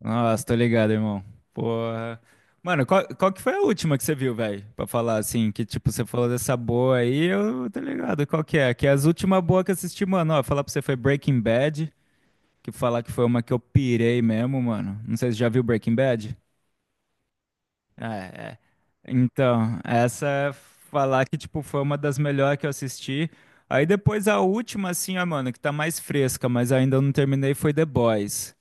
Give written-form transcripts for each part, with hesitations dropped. Nossa, tô ligado, irmão. Porra. Mano, qual que foi a última que você viu, velho? Pra falar assim, que tipo, você falou dessa boa aí, eu tô ligado. Qual que é? Que é as últimas boas que eu assisti, mano, ó, falar pra você foi Breaking Bad, que falar que foi uma que eu pirei mesmo, mano. Não sei se você já viu Breaking Bad. É, é. Então, essa é falar que tipo foi uma das melhores que eu assisti. Aí depois a última assim, ó, mano, que tá mais fresca, mas ainda eu não terminei foi The Boys.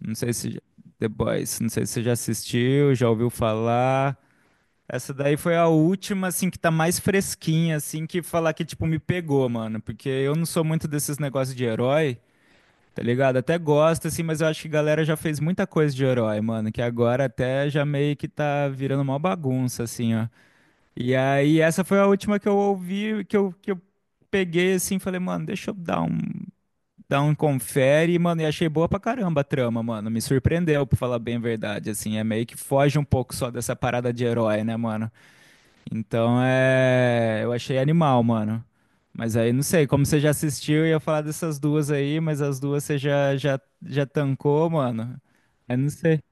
Não sei se The Boys, não sei se você já assistiu, já ouviu falar. Essa daí foi a última, assim, que tá mais fresquinha, assim, que falar que, tipo, me pegou, mano. Porque eu não sou muito desses negócios de herói, tá ligado? Até gosto, assim, mas eu acho que a galera já fez muita coisa de herói, mano. Que agora até já meio que tá virando uma bagunça, assim, ó. E aí, essa foi a última que eu ouvi, que eu peguei, assim, falei, mano, deixa eu dar um. Dá um confere, mano, e achei boa pra caramba a trama, mano. Me surpreendeu, pra falar bem a verdade, assim. É meio que foge um pouco só dessa parada de herói, né, mano? Então é. Eu achei animal, mano. Mas aí não sei, como você já assistiu, eu ia falar dessas duas aí, mas as duas você já tancou, mano. Eu não sei.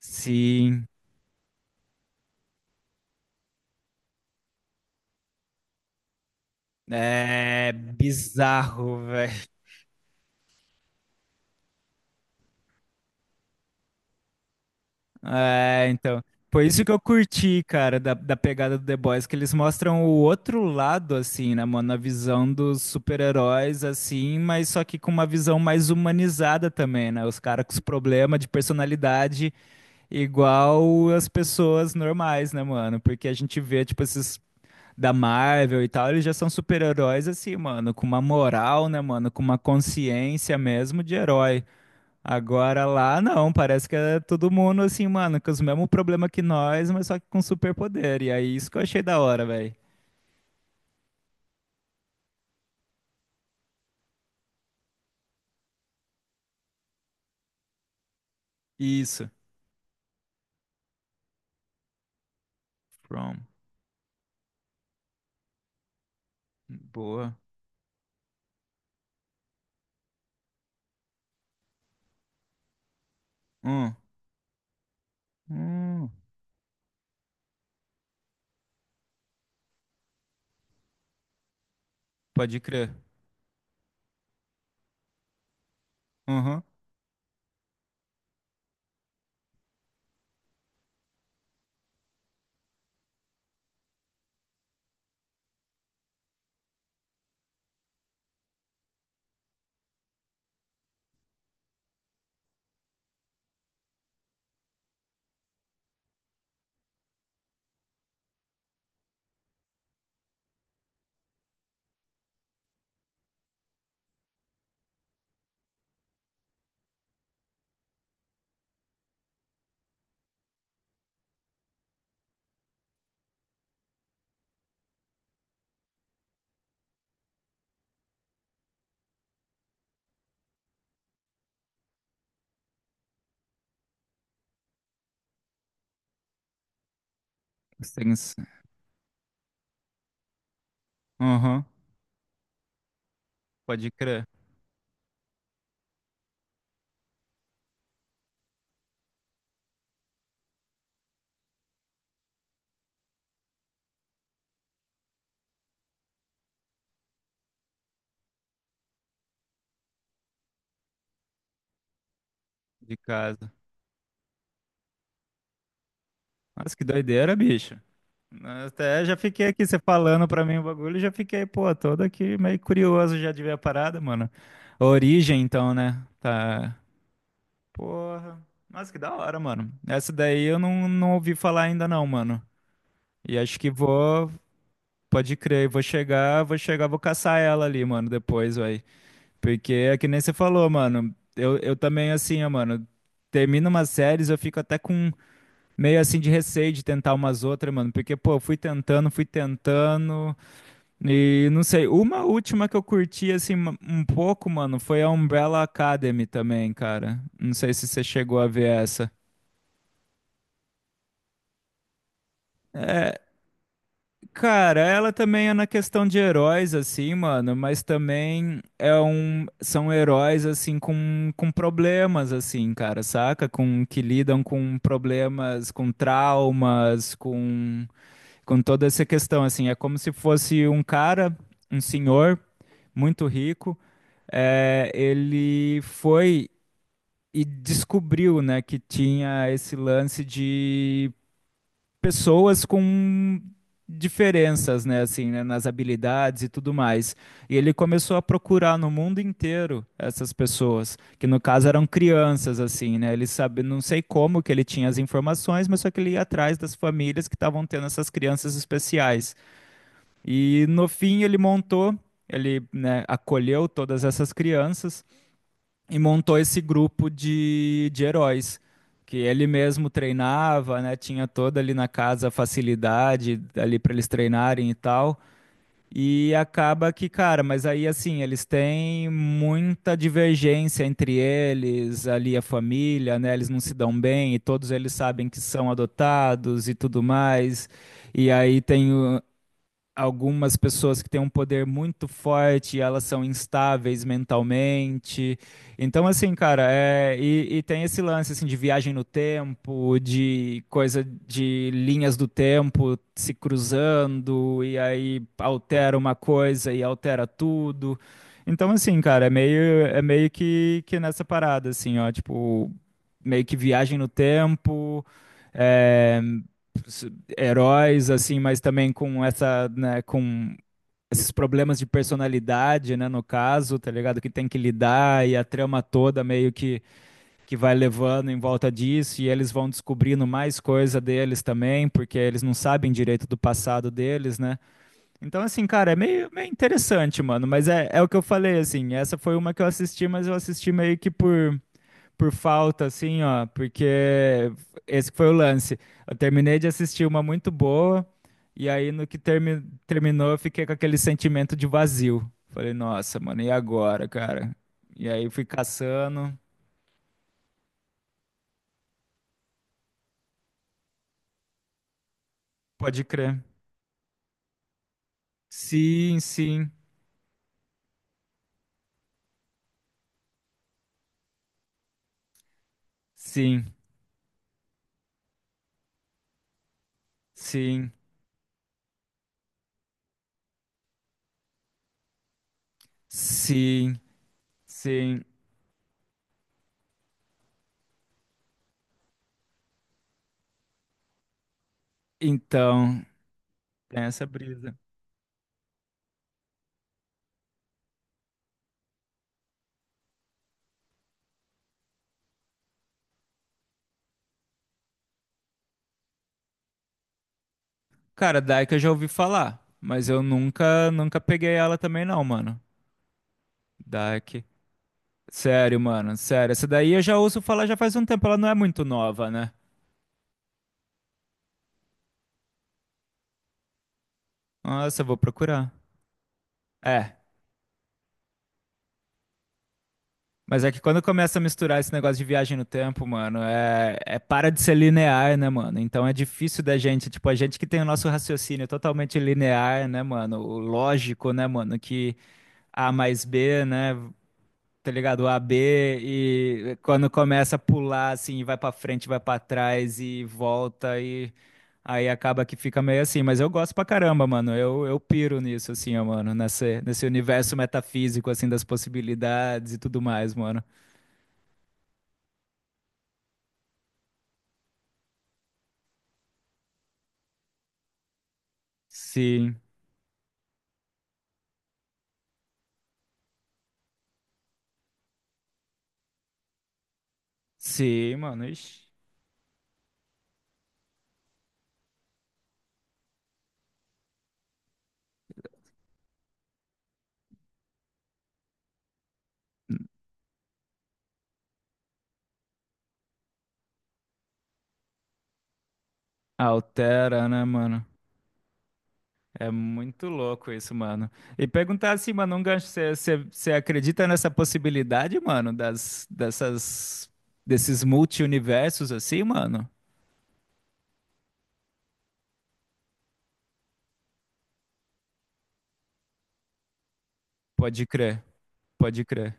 Sim. É bizarro, velho. É, então. Foi isso que eu curti, cara, da pegada do The Boys, que eles mostram o outro lado, assim, né, mano? A visão dos super-heróis, assim, mas só que com uma visão mais humanizada também, né? Os caras com os problemas de personalidade igual as pessoas normais, né, mano? Porque a gente vê, tipo, esses da Marvel e tal, eles já são super-heróis, assim, mano, com uma moral, né, mano? Com uma consciência mesmo de herói. Agora lá não, parece que é todo mundo assim, mano, com os mesmos problemas que nós, mas só que com superpoder. E aí isso que eu achei da hora, velho. Isso. From. Boa. Hum. Hum. Pode crer. Uhum. Strings. Uhum. Pode crer. De casa. Nossa, que doideira, bicho. Até já fiquei aqui, você falando pra mim o bagulho, já fiquei, pô, todo aqui meio curioso já de ver a parada, mano. A origem, então, né? Tá. Porra. Nossa, que da hora, mano. Essa daí eu não ouvi falar ainda não, mano. E acho que vou, pode crer, vou chegar, vou caçar ela ali, mano, depois, vai. Porque é que nem você falou, mano. Eu também, assim, ó, mano, termino umas séries, eu fico até com meio assim de receio de tentar umas outras, mano. Porque, pô, eu fui tentando, fui tentando. E não sei, uma última que eu curti, assim, um pouco, mano, foi a Umbrella Academy também, cara. Não sei se você chegou a ver essa. Cara, ela também é na questão de heróis, assim, mano, mas também é são heróis, assim, com problemas, assim, cara, saca? Que lidam com problemas, com traumas, com toda essa questão, assim. É como se fosse um cara, um senhor, muito rico, ele foi e descobriu, né, que tinha esse lance de pessoas com diferenças, né, assim, né, nas habilidades e tudo mais. E ele começou a procurar no mundo inteiro essas pessoas, que no caso eram crianças, assim, né? Ele sabe, não sei como que ele tinha as informações, mas só que ele ia atrás das famílias que estavam tendo essas crianças especiais. E no fim ele montou, ele, né, acolheu todas essas crianças e montou esse grupo de heróis, que ele mesmo treinava, né? Tinha toda ali na casa a facilidade ali para eles treinarem e tal. E acaba que, cara, mas aí assim, eles têm muita divergência entre eles, ali a família, né? Eles não se dão bem e todos eles sabem que são adotados e tudo mais. E aí tem o- algumas pessoas que têm um poder muito forte, elas são instáveis mentalmente. Então, assim, cara, e tem esse lance assim, de viagem no tempo, de coisa de linhas do tempo se cruzando, e aí altera uma coisa e altera tudo. Então, assim, cara, é meio que nessa parada, assim, ó, tipo, meio que viagem no tempo, é, heróis, assim, mas também com essa, né, com esses problemas de personalidade, né, no caso, tá ligado? Que tem que lidar e a trama toda meio que vai levando em volta disso e eles vão descobrindo mais coisa deles também, porque eles não sabem direito do passado deles, né? Então, assim, cara, é meio, meio interessante, mano, mas é, é o que eu falei, assim, essa foi uma que eu assisti, mas eu assisti meio que por falta, assim, ó, porque esse que foi o lance. Eu terminei de assistir uma muito boa, e aí no que terminou, eu fiquei com aquele sentimento de vazio. Falei, nossa, mano, e agora, cara? E aí fui caçando. Pode crer. Sim, sim, sim, sim, sim, sim. Então, tem essa brisa. Cara, Dark eu já ouvi falar, mas eu nunca, nunca peguei ela também não, mano. Dark. Sério, mano, sério. Essa daí eu já ouço falar já faz um tempo, ela não é muito nova, né? Nossa, eu vou procurar. É, mas é que quando começa a misturar esse negócio de viagem no tempo, mano, é para de ser linear, né, mano? Então é difícil da gente, tipo, a gente que tem o nosso raciocínio totalmente linear, né, mano? O lógico, né, mano? Que A mais B, né? Tá ligado? O A B e quando começa a pular assim, vai pra frente, vai pra trás e volta e aí acaba que fica meio assim, mas eu gosto pra caramba, mano. Eu piro nisso assim, ó, mano, nesse universo metafísico assim das possibilidades e tudo mais, mano. Sim. Sim, mano. Ixi. Altera, né, mano? É muito louco isso, mano. E perguntar assim, mano, um gancho, você acredita nessa possibilidade, mano, das, dessas, desses multi-universos assim, mano? Pode crer, pode crer.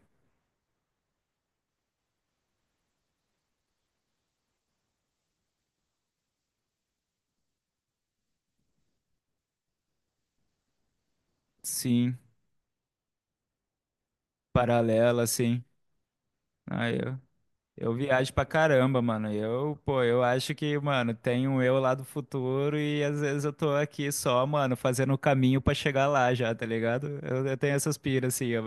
Sim, paralela, sim. Ah, eu, eu viajo pra caramba, mano. Eu, pô, eu acho que, mano, tem um eu lá do futuro e às vezes eu tô aqui só, mano, fazendo o caminho pra chegar lá já, tá ligado? Eu tenho essas piras assim, ó,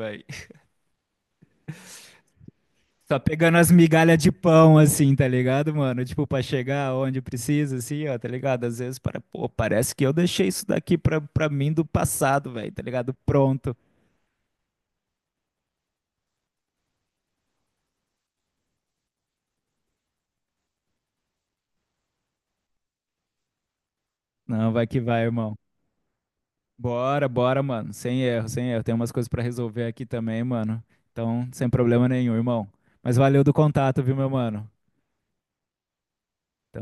só pegando as migalhas de pão, assim, tá ligado, mano? Tipo, pra chegar onde precisa, assim, ó, tá ligado? Às vezes, pô, parece que eu deixei isso daqui pra mim do passado, velho, tá ligado? Pronto. Não, vai que vai, irmão. Bora, bora, mano. Sem erro, sem erro. Tem umas coisas pra resolver aqui também, mano. Então, sem problema nenhum, irmão. Mas valeu do contato, viu, meu mano?